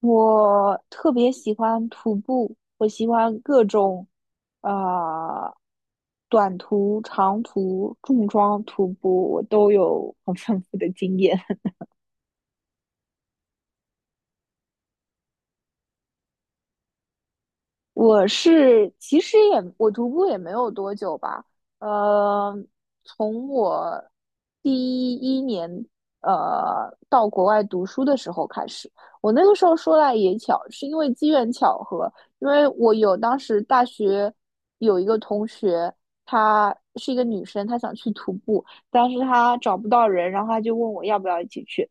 我特别喜欢徒步，我喜欢各种，啊、短途、长途、重装徒步，我都有很丰富的经验。我是其实也我徒步也没有多久吧，呃，从我第一年到国外读书的时候开始，我那个时候说来也巧，是因为机缘巧合，因为我有当时大学有一个同学，她是一个女生，她想去徒步，但是她找不到人，然后她就问我要不要一起去。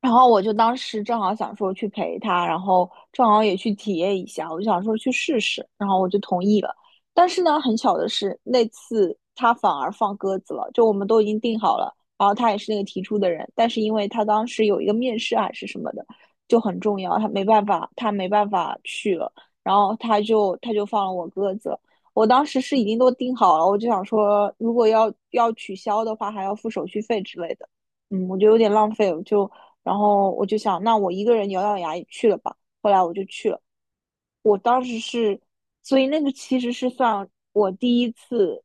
然后我就当时正好想说去陪他，然后正好也去体验一下，我就想说去试试，然后我就同意了。但是呢，很巧的是，那次他反而放鸽子了，就我们都已经定好了，然后他也是那个提出的人，但是因为他当时有一个面试还是什么的，就很重要，他没办法去了，然后他就放了我鸽子。我当时是已经都定好了，我就想说，如果要取消的话，还要付手续费之类的。我觉得有点浪费，然后我就想，那我一个人咬咬牙也去了吧。后来我就去了，我当时是，所以那个其实是算我第一次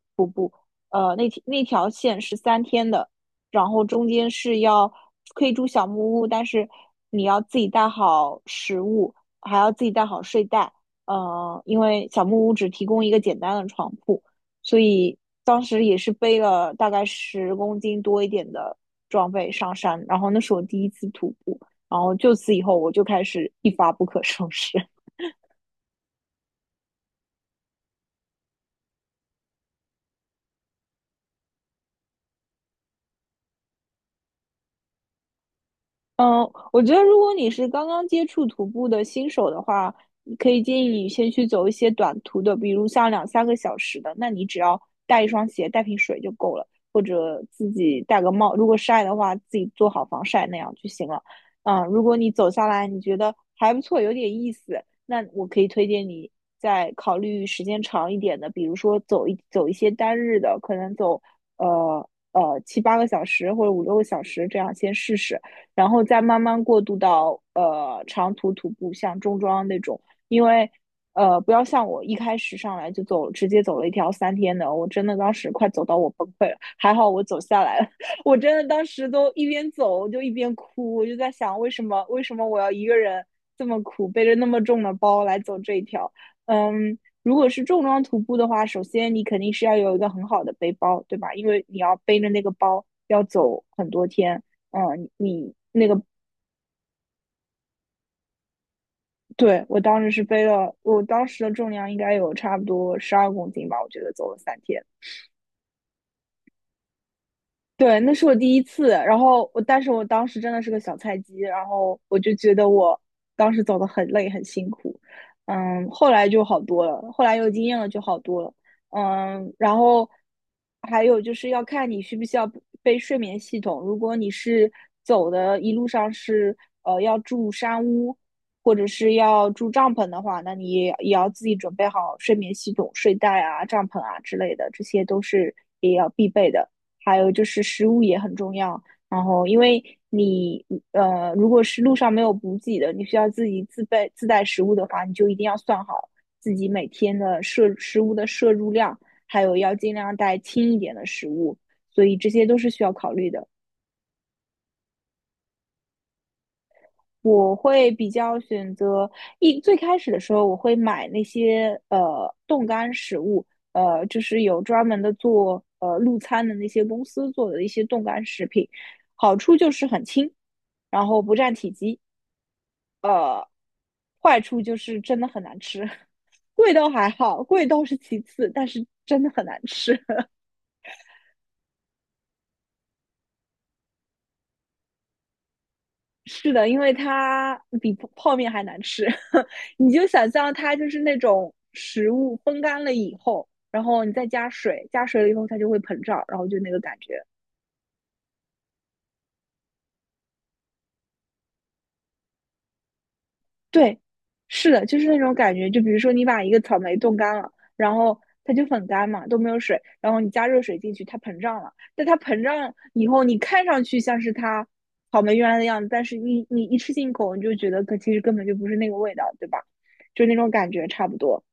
那条线是三天的，然后中间是要可以住小木屋，但是你要自己带好食物，还要自己带好睡袋。因为小木屋只提供一个简单的床铺，所以当时也是背了大概10公斤多一点的装备上山。然后那是我第一次徒步，然后就此以后我就开始一发不可收拾。嗯，我觉得如果你是刚刚接触徒步的新手的话，你可以建议你先去走一些短途的，比如像两三个小时的，那你只要带一双鞋、带瓶水就够了，或者自己戴个帽，如果晒的话，自己做好防晒那样就行了。如果你走下来你觉得还不错，有点意思，那我可以推荐你再考虑时间长一点的，比如说走一些单日的，可能走七八个小时或者五六个小时这样先试试。然后再慢慢过渡到长途徒步，像中装那种，因为不要像我一开始上来就走，直接走了一条三天的，我真的当时快走到我崩溃了，还好我走下来了，我真的当时都一边走我就一边哭，我就在想为什么我要一个人这么苦，背着那么重的包来走这一条，嗯。如果是重装徒步的话，首先你肯定是要有一个很好的背包，对吧？因为你要背着那个包要走很多天，嗯，你你那个，对，我当时是背了，我当时的重量应该有差不多12公斤吧，我觉得走了三天。对，那是我第一次，然后我，但是我当时真的是个小菜鸡，然后我就觉得我当时走的很累，很辛苦，后来就好多了，后来有经验了就好多了，然后还有就是要看你需不需要背睡眠系统，如果你是走的一路上是要住山屋或者是要住帐篷的话，那你也要自己准备好睡眠系统、睡袋啊、帐篷啊之类的，这些都是也要必备的。还有就是食物也很重要。然后，因为你如果是路上没有补给的，你需要自己自备自带食物的话，你就一定要算好自己每天的摄食物的摄入量，还有要尽量带轻一点的食物。所以这些都是需要考虑的。我会比较选择一最开始的时候，我会买那些冻干食物，就是有专门的做路餐的那些公司做的一些冻干食品，好处就是很轻，然后不占体积。坏处就是真的很难吃，贵倒还好，贵倒是其次，但是真的很难吃。是的，因为它比泡面还难吃。你就想象它就是那种食物风干了以后，然后你再加水，加水了以后它就会膨胀，然后就那个感觉。对，是的，就是那种感觉。就比如说，你把一个草莓冻干了，然后它就很干嘛，都没有水，然后你加热水进去，它膨胀了。但它膨胀以后，你看上去像是它草莓原来的样子，但是你一吃进口，你就觉得可其实根本就不是那个味道，对吧？就那种感觉差不多。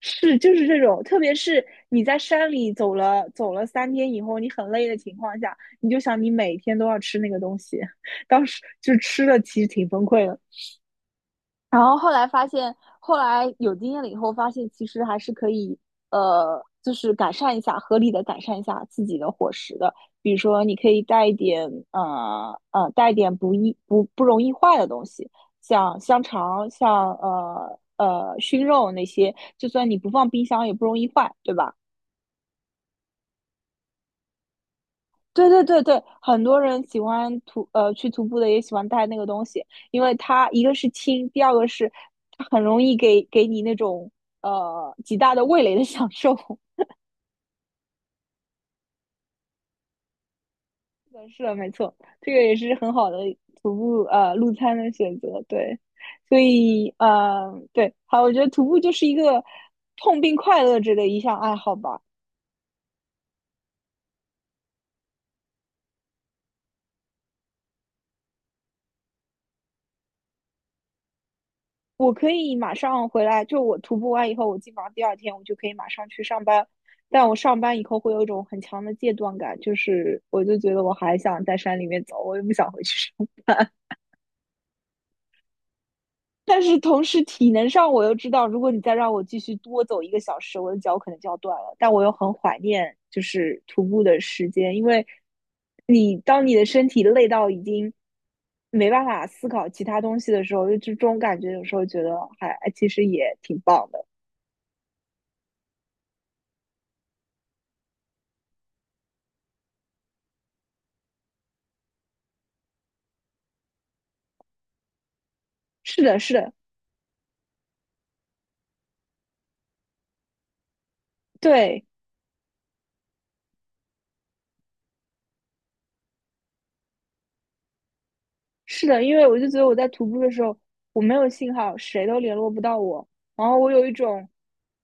是，就是这种，特别是你在山里走了三天以后，你很累的情况下，你就想你每天都要吃那个东西，当时就吃了，其实挺崩溃的。然后后来发现，后来有经验了以后，发现其实还是可以，就是改善一下，合理的改善一下自己的伙食的。比如说，你可以带一点，带一点不容易坏的东西，像香肠，像熏肉那些，就算你不放冰箱也不容易坏，对吧？对对对对，很多人喜欢去徒步的也喜欢带那个东西，因为它一个是轻，第二个是它很容易给你那种极大的味蕾的享受。是的，是的没错，这个也是很好的徒步路餐的选择。对，所以对，好，我觉得徒步就是一个痛并快乐着的一项爱好吧。我可以马上回来，就我徒步完以后，我基本上第二天我就可以马上去上班。但我上班以后会有一种很强的戒断感，就是我就觉得我还想在山里面走，我又不想回去上班。但是同时体能上我又知道，如果你再让我继续多走一个小时，我的脚可能就要断了。但我又很怀念就是徒步的时间，因为你当你的身体累到已经没办法思考其他东西的时候，就这种感觉有时候觉得还哎其实也挺棒的。是的，是的，对，是的，因为我就觉得我在徒步的时候，我没有信号，谁都联络不到我，然后我有一种，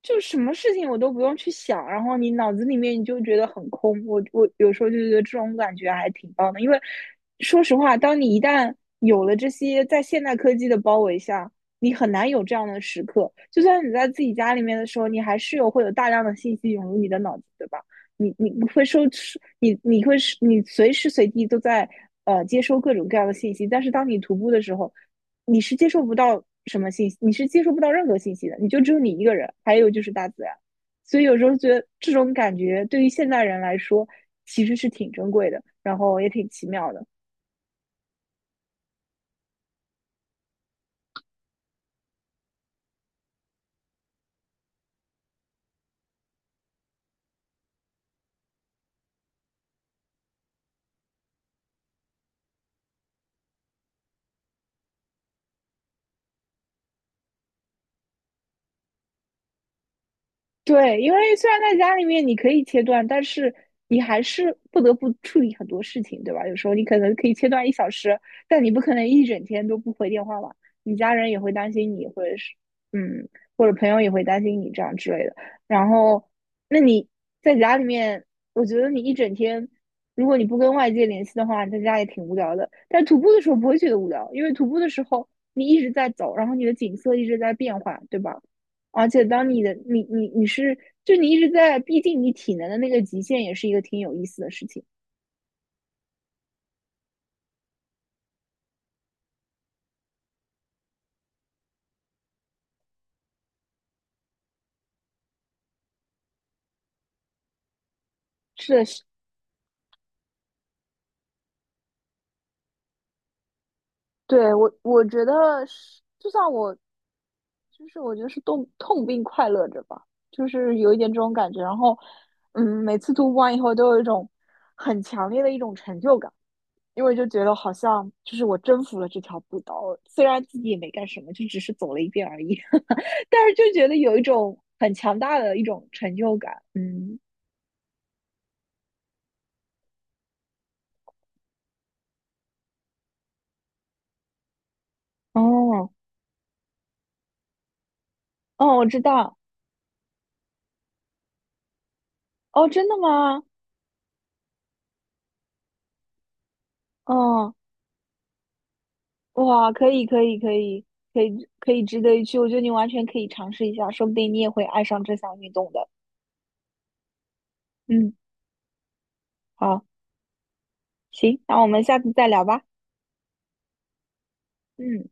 就什么事情我都不用去想，然后你脑子里面你就觉得很空。我有时候就觉得这种感觉还挺棒的，因为说实话，当你一旦有了这些在现代科技的包围下，你很难有这样的时刻。就算你在自己家里面的时候，你还是有会有大量的信息涌入你的脑子，对吧？你会收，你会你随时随地都在接收各种各样的信息，但是当你徒步的时候，你是接收不到什么信息，你是接收不到任何信息的，你就只有你一个人，还有就是大自然。所以有时候觉得这种感觉对于现代人来说其实是挺珍贵的，然后也挺奇妙的。对，因为虽然在家里面你可以切断，但是你还是不得不处理很多事情，对吧？有时候你可能可以切断1小时，但你不可能一整天都不回电话吧？你家人也会担心你，或者是嗯，或者朋友也会担心你这样之类的。然后，那你在家里面，我觉得你一整天，如果你不跟外界联系的话，你在家也挺无聊的。但徒步的时候不会觉得无聊，因为徒步的时候你一直在走，然后你的景色一直在变化，对吧？而且当你的你是，就你一直在逼近你体能的那个极限，也是一个挺有意思的事情。是的是，对，我觉得是，就像我，就是我觉得是痛并快乐着吧，就是有一点这种感觉。然后，每次突破完以后，都有一种很强烈的一种成就感，因为就觉得好像就是我征服了这条步道，虽然自己也没干什么，就只是走了一遍而已，但是就觉得有一种很强大的一种成就感。嗯。哦，哦，我知道。哦，真的吗？哦，哇，可以，可以，可以，可以，可以值得一去。我觉得你完全可以尝试一下，说不定你也会爱上这项运动的。嗯，好，行，那我们下次再聊吧。嗯。